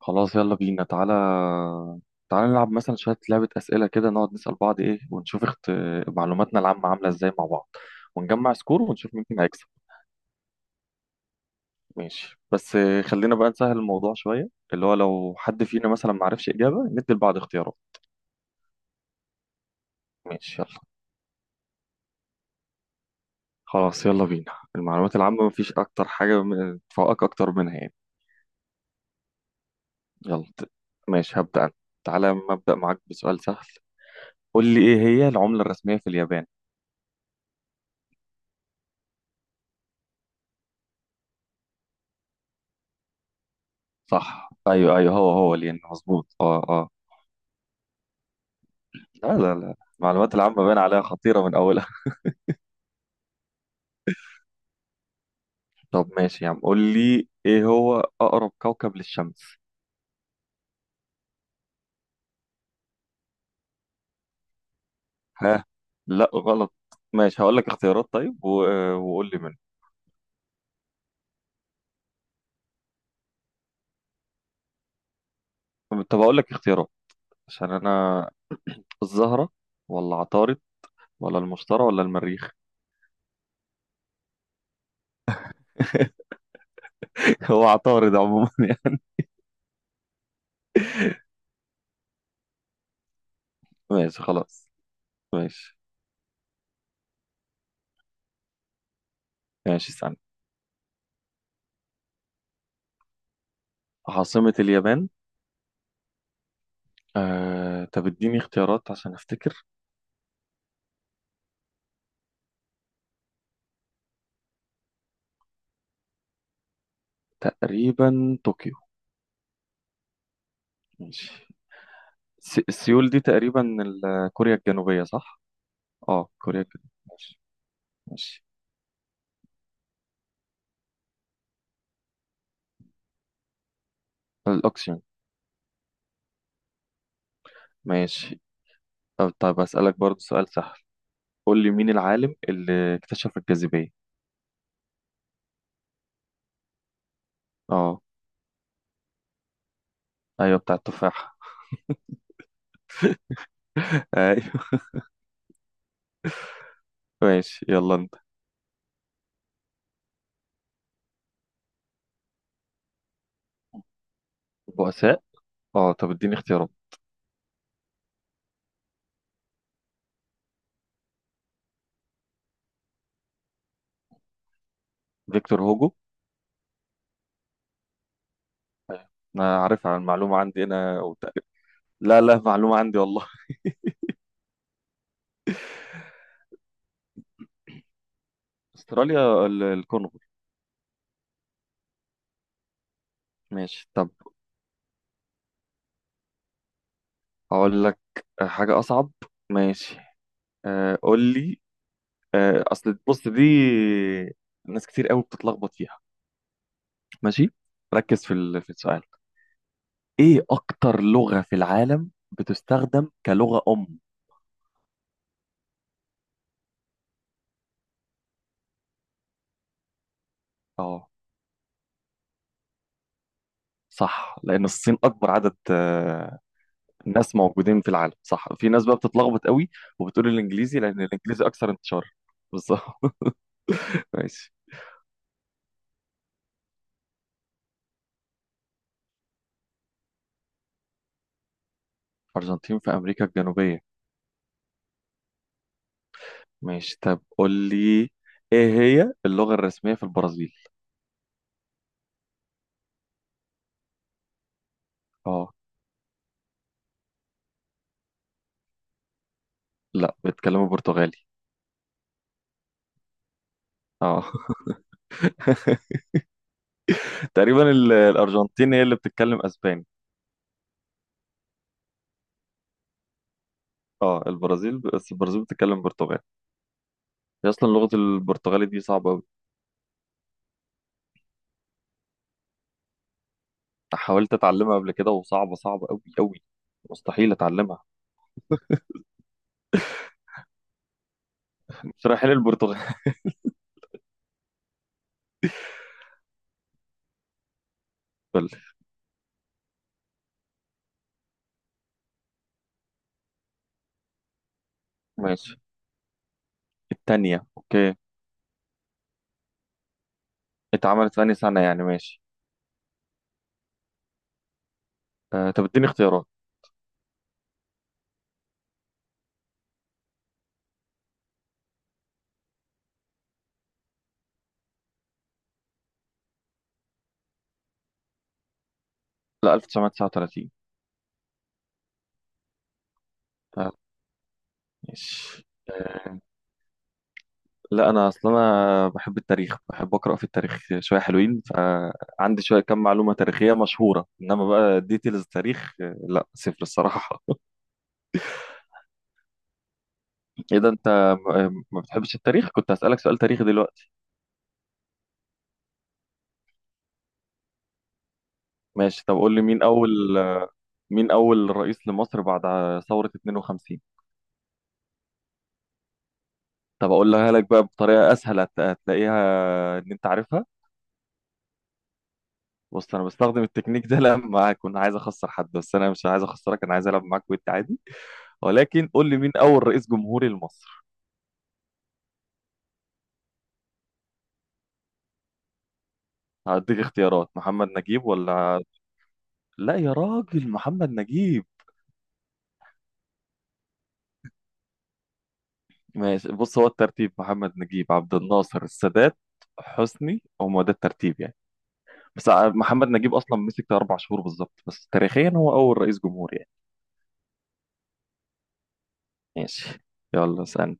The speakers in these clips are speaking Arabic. خلاص، يلا بينا. تعالى تعالى نلعب مثلا شوية لعبة أسئلة كده، نقعد نسأل بعض إيه ونشوف معلوماتنا العامة عاملة إزاي مع بعض، ونجمع سكور ونشوف مين فينا هيكسب. ماشي بس خلينا بقى نسهل الموضوع شوية، اللي هو لو حد فينا مثلا معرفش إجابة ندي لبعض اختيارات. ماشي، يلا. خلاص يلا بينا، المعلومات العامة مفيش أكتر حاجة تفوقك أكتر منها يعني. يلا ماشي، هبدأ أنا. تعالى أما أبدأ معاك بسؤال سهل. قول لي، إيه هي العملة الرسمية في اليابان؟ صح، ايوه ايوه، هو هو لين، مظبوط، اه اه. لا لا لا، المعلومات العامة باين عليها خطيرة من أولها. طب ماشي يا عم، قول لي إيه هو أقرب كوكب للشمس؟ ها. لا، غلط. ماشي، هقول لك اختيارات طيب وقول لي منه. طب هقول لك اختيارات، عشان أنا. الزهرة ولا عطارد ولا المشتري ولا المريخ؟ هو عطارد عموما يعني. ماشي، خلاص. ماشي ماشي، استنى. عاصمة اليابان؟ طب اديني اختيارات عشان أفتكر. تقريبا طوكيو. ماشي. سيول دي تقريبا كوريا الجنوبية، صح؟ اه، كوريا الجنوبية، ماشي. ماشي. الأوكسجين. ماشي. طب أسألك برضو سؤال سهل، قول لي مين العالم اللي اكتشف الجاذبية؟ اه. ايوه، بتاع التفاح. ايوه. ماشي، يلا انت. البؤساء. اه، طب اديني اختيارات. فيكتور هوجو. انا عارف عن المعلومة، عندي انا أو تقريبا. لا لا، معلومة عندي والله. استراليا، الكونغو. ماشي، طب اقول لك حاجة اصعب. ماشي. قول لي. اصل بص، دي ناس كتير قوي بتتلخبط فيها. ماشي، ركز في في السؤال. ايه اكتر لغة في العالم بتستخدم كلغة ام؟ اه، صح، لان الصين اكبر عدد ناس موجودين في العالم، صح. في ناس بقى بتتلخبط قوي وبتقول الانجليزي لان الانجليزي اكثر انتشار. بالظبط. ماشي. ارجنتين في امريكا الجنوبية. ماشي، طب قول لي، ايه هي اللغة الرسمية في البرازيل؟ اه. لا، بيتكلموا برتغالي. اه. تقريبا الارجنتين هي اللي بتتكلم اسباني. اه، البرازيل، بس البرازيل بتتكلم برتغالي. هي اصلا لغه البرتغالي دي صعبه قوي. حاولت اتعلمها قبل كده وصعبه صعبه قوي قوي، مستحيل اتعلمها. شراحين البرتغال. ماشي. التانية، اوكي. اتعملت في أنهي سنه يعني، ماشي. طب اديني اختيارات. لا، 1939. آه، ماشي. لا انا اصلا انا بحب التاريخ، بحب اقرا في التاريخ شويه، حلوين. فعندي شويه، كم معلومه تاريخيه مشهوره، انما بقى ديتيلز تاريخ لا، صفر الصراحه. ايه ده، انت ما بتحبش التاريخ؟ كنت هسالك سؤال تاريخي دلوقتي. ماشي، طب قول لي، مين اول رئيس لمصر بعد ثوره 52؟ طب اقولها لك بقى بطريقه اسهل، هتلاقيها ان انت عارفها. بص، انا بستخدم التكنيك ده لما اكون عايز اخسر حد، بس انا مش عايز اخسرك، انا عايز العب معاك وانت عادي. ولكن قول لي، مين اول رئيس جمهوري لمصر؟ هديك اختيارات، محمد نجيب ولا. لا يا راجل، محمد نجيب. ماشي، بص هو الترتيب، محمد نجيب، عبد الناصر، السادات، حسني، هم ده الترتيب يعني. بس محمد نجيب اصلا مسك ده 4 شهور بالظبط، بس تاريخيا هو اول رئيس جمهور يعني. ماشي، يلا اسالني.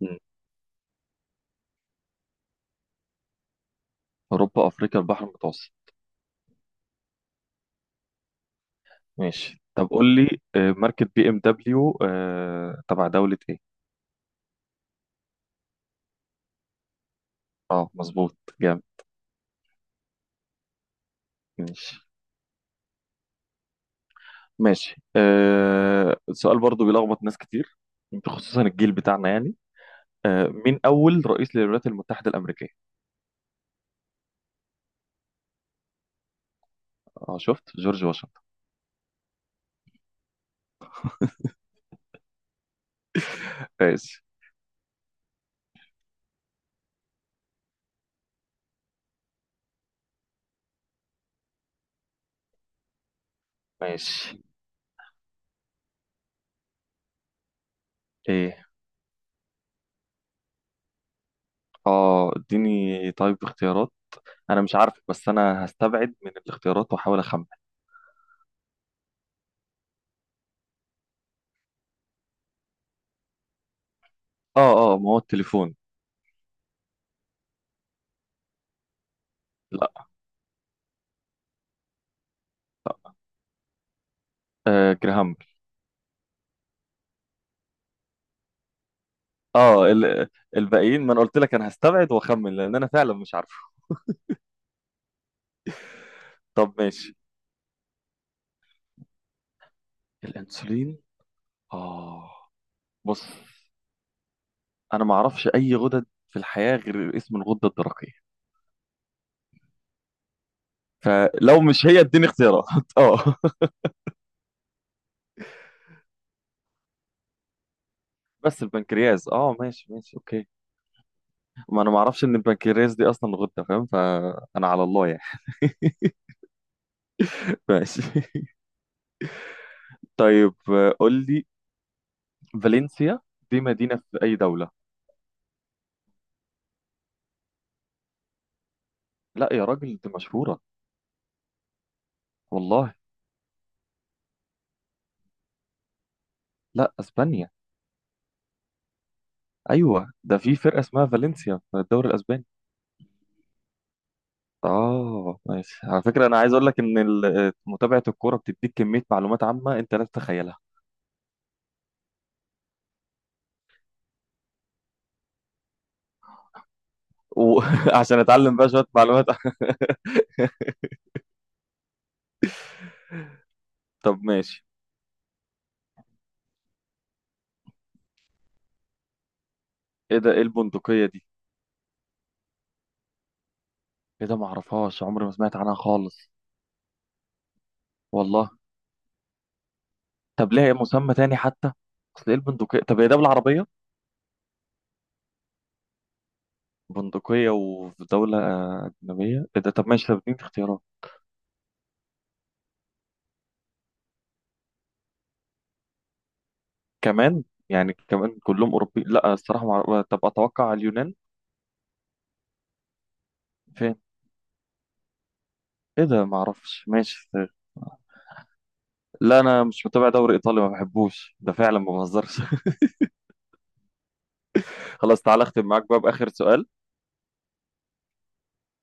مم. اوروبا، افريقيا، البحر المتوسط. ماشي، طب قول لي، ماركة بي ام دبليو تبع دولة ايه؟ اه، مظبوط، جامد. ماشي ماشي. سؤال برضو بيلخبط ناس كتير، خصوصا الجيل بتاعنا يعني. مين أول رئيس للولايات المتحدة الأمريكية؟ اه، شفت، جورج واشنطن. ماشي. ماشي. ايه. اه، اديني طيب اختيارات. انا مش عارف، بس انا هستبعد من الاختيارات واحاول اخمن. اه اه، ما هو التليفون. لا. جراهام بيل. اه، الباقيين. ما انا قلت لك انا هستبعد واخمن لان انا فعلا مش عارفه. طب، ماشي. الانسولين. اه، بص، انا ما اعرفش اي غدد في الحياه غير اسم الغده الدرقيه. فلو مش هي اديني اختيارات. اه، بس البنكرياس، اه، ماشي ماشي اوكي. ما انا ما اعرفش ان البنكرياس دي اصلا غده، فاهم، فانا على الله يعني. ماشي. طيب، قول لي، فالنسيا دي مدينه في اي دوله؟ لا يا راجل، دي مشهوره، والله. لا، اسبانيا. ايوه، ده في فرقه اسمها فالنسيا في الدوري الاسباني. اه، ماشي. على فكره، انا عايز اقول لك ان متابعه الكوره بتديك كميه معلومات عامه انت لا تتخيلها. وعشان اتعلم بقى شويه معلومات. طب ماشي. ايه ده؟ ايه البندقيه دي؟ ايه ده، ما اعرفهاش، عمري ما سمعت عنها خالص، والله. طب ليه مسمى تاني حتى؟ اصل ايه البندقيه؟ طب هي ده بالعربيه بندقيه، وفي دوله اجنبيه، ايه ده؟ طب ماشي، طب اديني اختيارات كمان. يعني كمان كلهم اوروبي، لا الصراحه ما أعرف- طب اتوقع اليونان. فين؟ ايه ده، ما اعرفش، ماشي. لا انا مش متابع دوري ايطالي، ما بحبوش ده فعلا، ما بهزرش. خلاص، تعالى اختم معاك بقى باخر سؤال.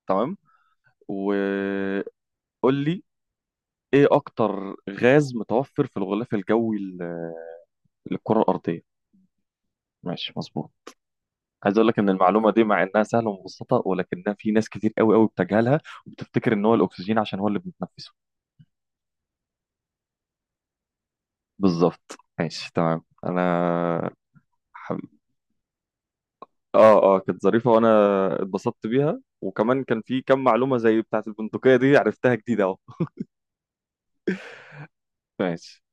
تمام. و قول لي، ايه اكتر غاز متوفر في الغلاف الجوي للكرة الأرضية؟ ماشي، مظبوط. عايز اقول لك ان المعلومه دي مع انها سهله ومبسطه ولكنها في ناس كتير قوي قوي بتجهلها، وبتفتكر ان هو الاكسجين عشان هو اللي بنتنفسه. بالظبط، ماشي، تمام. انا حب... اه اه، كانت ظريفه، وانا اتبسطت بيها، وكمان كان في كم معلومه زي بتاعه البندقيه دي عرفتها جديده اهو. ماشي.